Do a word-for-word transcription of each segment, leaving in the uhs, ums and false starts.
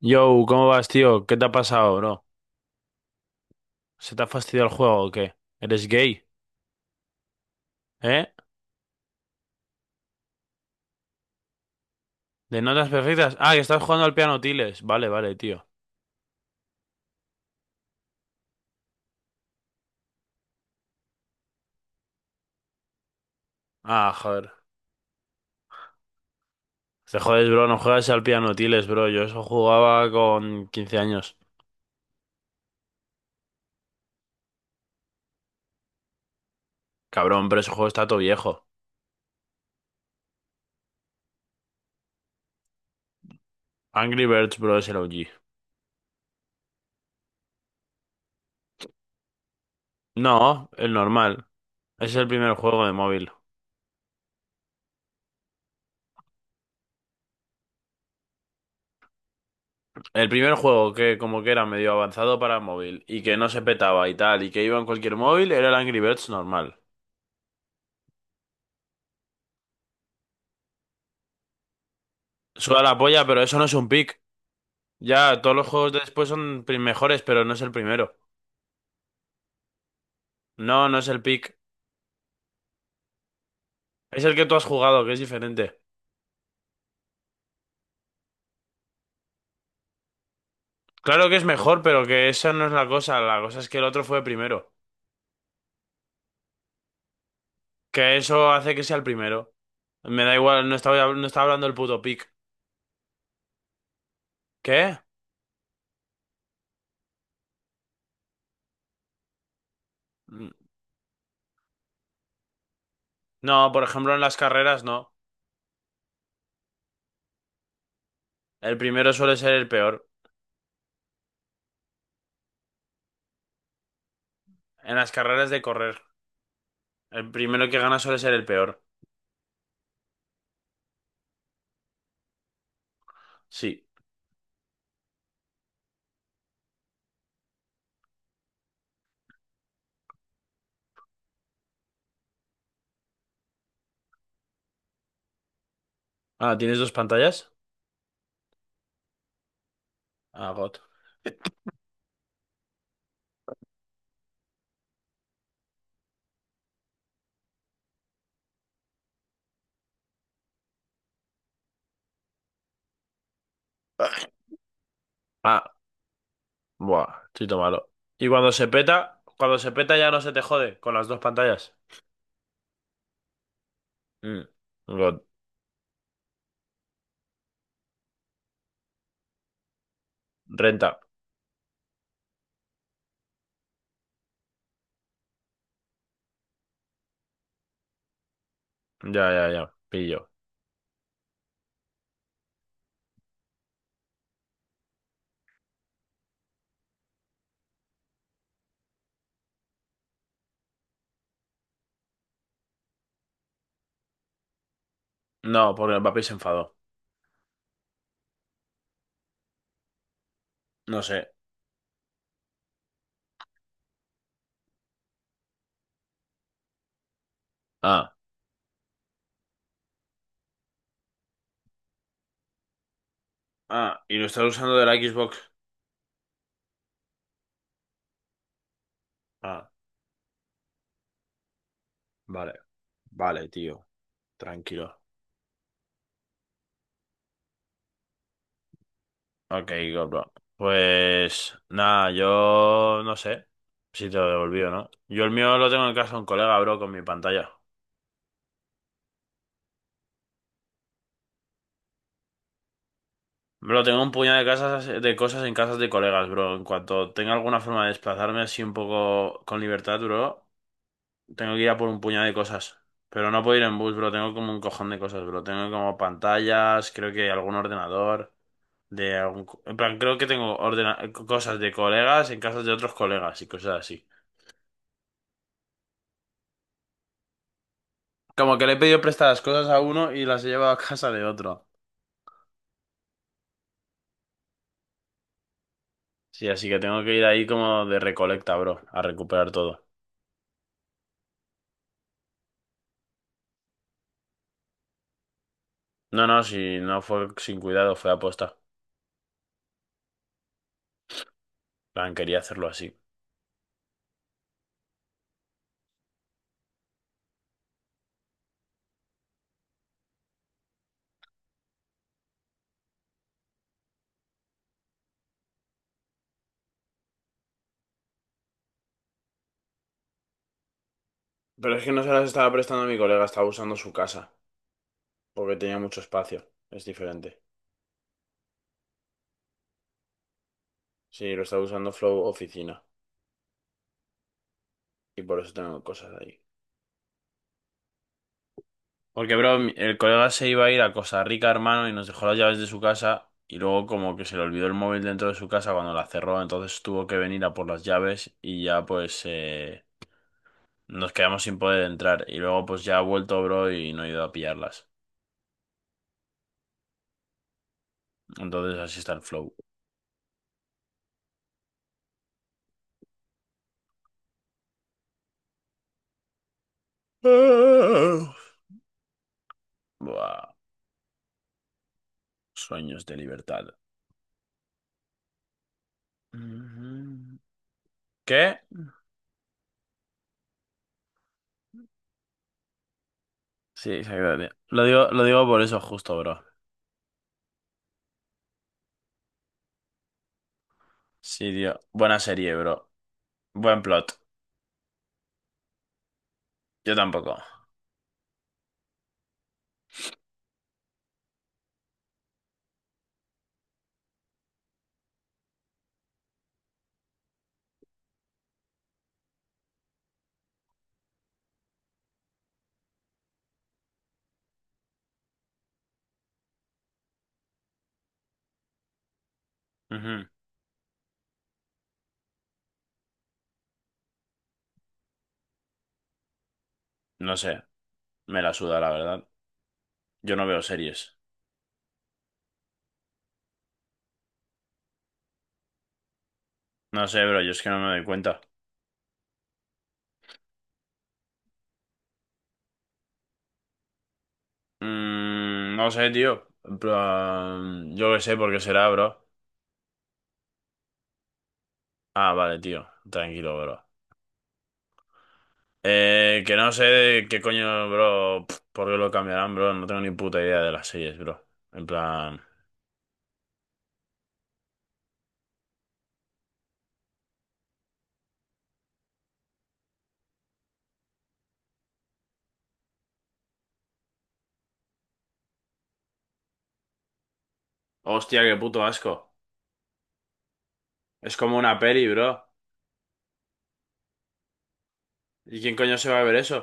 Yo, ¿cómo vas, tío? ¿Qué te ha pasado, bro? ¿Se te ha fastidiado el juego o qué? ¿Eres gay? ¿Eh? ¿De notas perfectas? Ah, que estás jugando al piano tiles. Vale, vale, tío. Ah, joder. Te jodes, bro, no juegas al piano tiles, bro. Yo eso jugaba con quince años. Cabrón, pero ese juego está todo viejo. Angry Birds, bro, es el O G. No, el normal. Ese es el primer juego de móvil. El primer juego que como que era medio avanzado para móvil y que no se petaba y tal y que iba en cualquier móvil era el Angry Birds normal. Suda la polla, pero eso no es un pick. Ya, todos los juegos de después son pri- mejores, pero no es el primero. No, no es el pick. Es el que tú has jugado, que es diferente. Claro que es mejor, pero que esa no es la cosa. La cosa es que el otro fue primero. Que eso hace que sea el primero. Me da igual, no estaba, no estaba hablando del puto pick. ¿Qué? Mm, No, por ejemplo, en las carreras no. El primero suele ser el peor. En las carreras de correr, el primero que gana suele ser el peor. Sí. Ah, ¿tienes dos pantallas? Ah, God. Ah, buah, chito malo. Y cuando se peta, cuando se peta ya no se te jode con las dos pantallas. Mm. God. Renta. Ya, ya, ya. Pillo. No, porque el papi se enfadó. No sé. Ah. Ah, y lo estás usando de la Xbox. Ah, vale. Vale, tío. Tranquilo. Ok, God, bro. Pues nada, yo no sé si te lo devolví o no. Yo el mío lo tengo en casa de un colega, bro, con mi pantalla. Bro, tengo un puñado de casas, de cosas en casas de colegas, bro. En cuanto tenga alguna forma de desplazarme así un poco con libertad, bro, tengo que ir a por un puñado de cosas. Pero no puedo ir en bus, bro. Tengo como un cojón de cosas, bro. Tengo como pantallas, creo que algún ordenador, de algún... co- En plan, creo que tengo ordena- cosas de colegas en casas de otros colegas y cosas así. Como que le he pedido prestadas cosas a uno y las he llevado a casa de otro. Sí, así que tengo que ir ahí como de recolecta, bro, a recuperar todo. No, no, si no fue sin cuidado, fue aposta. Plan, quería hacerlo así. Pero es que no se las estaba prestando a mi colega, estaba usando su casa, porque tenía mucho espacio. Es diferente. Sí, lo estaba usando Flow Oficina, y por eso tengo cosas ahí. Porque, bro, mi- el colega se iba a ir a Costa Rica, hermano, y nos dejó las llaves de su casa. Y luego, como que se le olvidó el móvil dentro de su casa cuando la cerró. Entonces tuvo que venir a por las llaves y ya, pues, eh, nos quedamos sin poder entrar. Y luego, pues, ya ha vuelto, bro, y no he ido a pillarlas. Entonces, así está el flow. Buah. Sueños de libertad. Ujú. ¿Qué? Sí, exactamente. Lo digo, lo digo por eso justo, bro. Sí, tío. Buena serie, bro. Buen plot. Yo tampoco. Ujú. No sé. Me la suda, la verdad. Yo no veo series. No sé, bro. Yo es que no me doy cuenta. Mm, no sé, tío. En plan, yo qué sé por qué será, bro. Ah, vale, tío. Tranquilo, bro. Eh, que no sé de qué coño, bro. pf, ¿Por qué lo cambiarán, bro? No tengo ni puta idea de las series, bro. En plan... Hostia, qué puto asco. Es como una peli, bro. ¿Y quién coño se va a ver eso?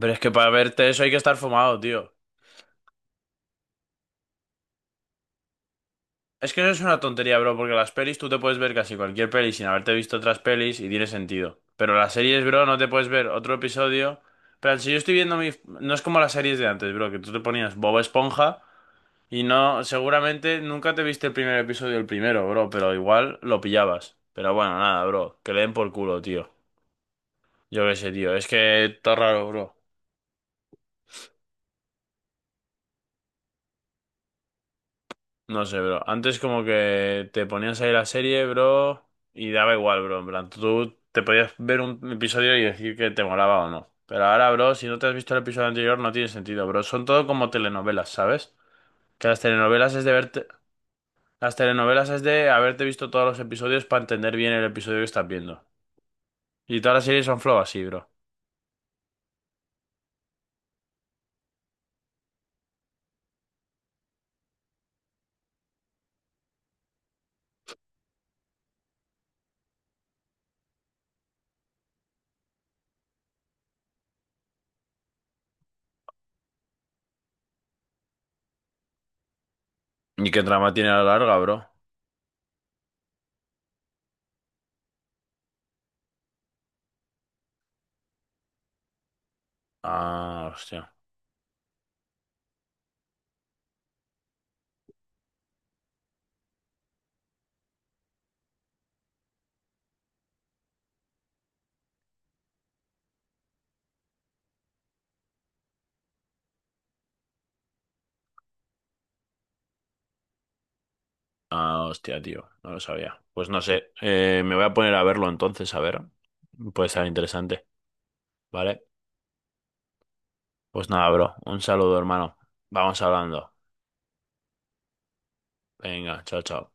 Pero es que para verte eso hay que estar fumado, tío. Es que eso es una tontería, bro, porque las pelis tú te puedes ver casi cualquier peli sin haberte visto otras pelis y tiene sentido. Pero las series, bro, no te puedes ver otro episodio. Pero si yo estoy viendo mi... No es como las series de antes, bro, que tú te ponías Bob Esponja y no... Seguramente nunca te viste el primer episodio, el primero, bro, pero igual lo pillabas. Pero bueno, nada, bro, que le den por culo, tío. Yo qué sé, tío, es que está raro, bro. No sé, bro. Antes como que te ponías ahí la serie, bro, y daba igual, bro. En plan, tú te podías ver un episodio y decir que te molaba o no. Pero ahora, bro, si no te has visto el episodio anterior, no tiene sentido, bro. Son todo como telenovelas, ¿sabes? Que las telenovelas es de verte... Las telenovelas es de haberte visto todos los episodios para entender bien el episodio que estás viendo. Y todas las series son flow así, bro. ¿Y qué trama tiene a la larga, bro? Ah, hostia. Ah, hostia, tío, no lo sabía. Pues no sé, eh, me voy a poner a verlo entonces, a ver. Puede estar interesante, ¿vale? Pues nada, bro, un saludo, hermano. Vamos hablando. Venga, chao, chao.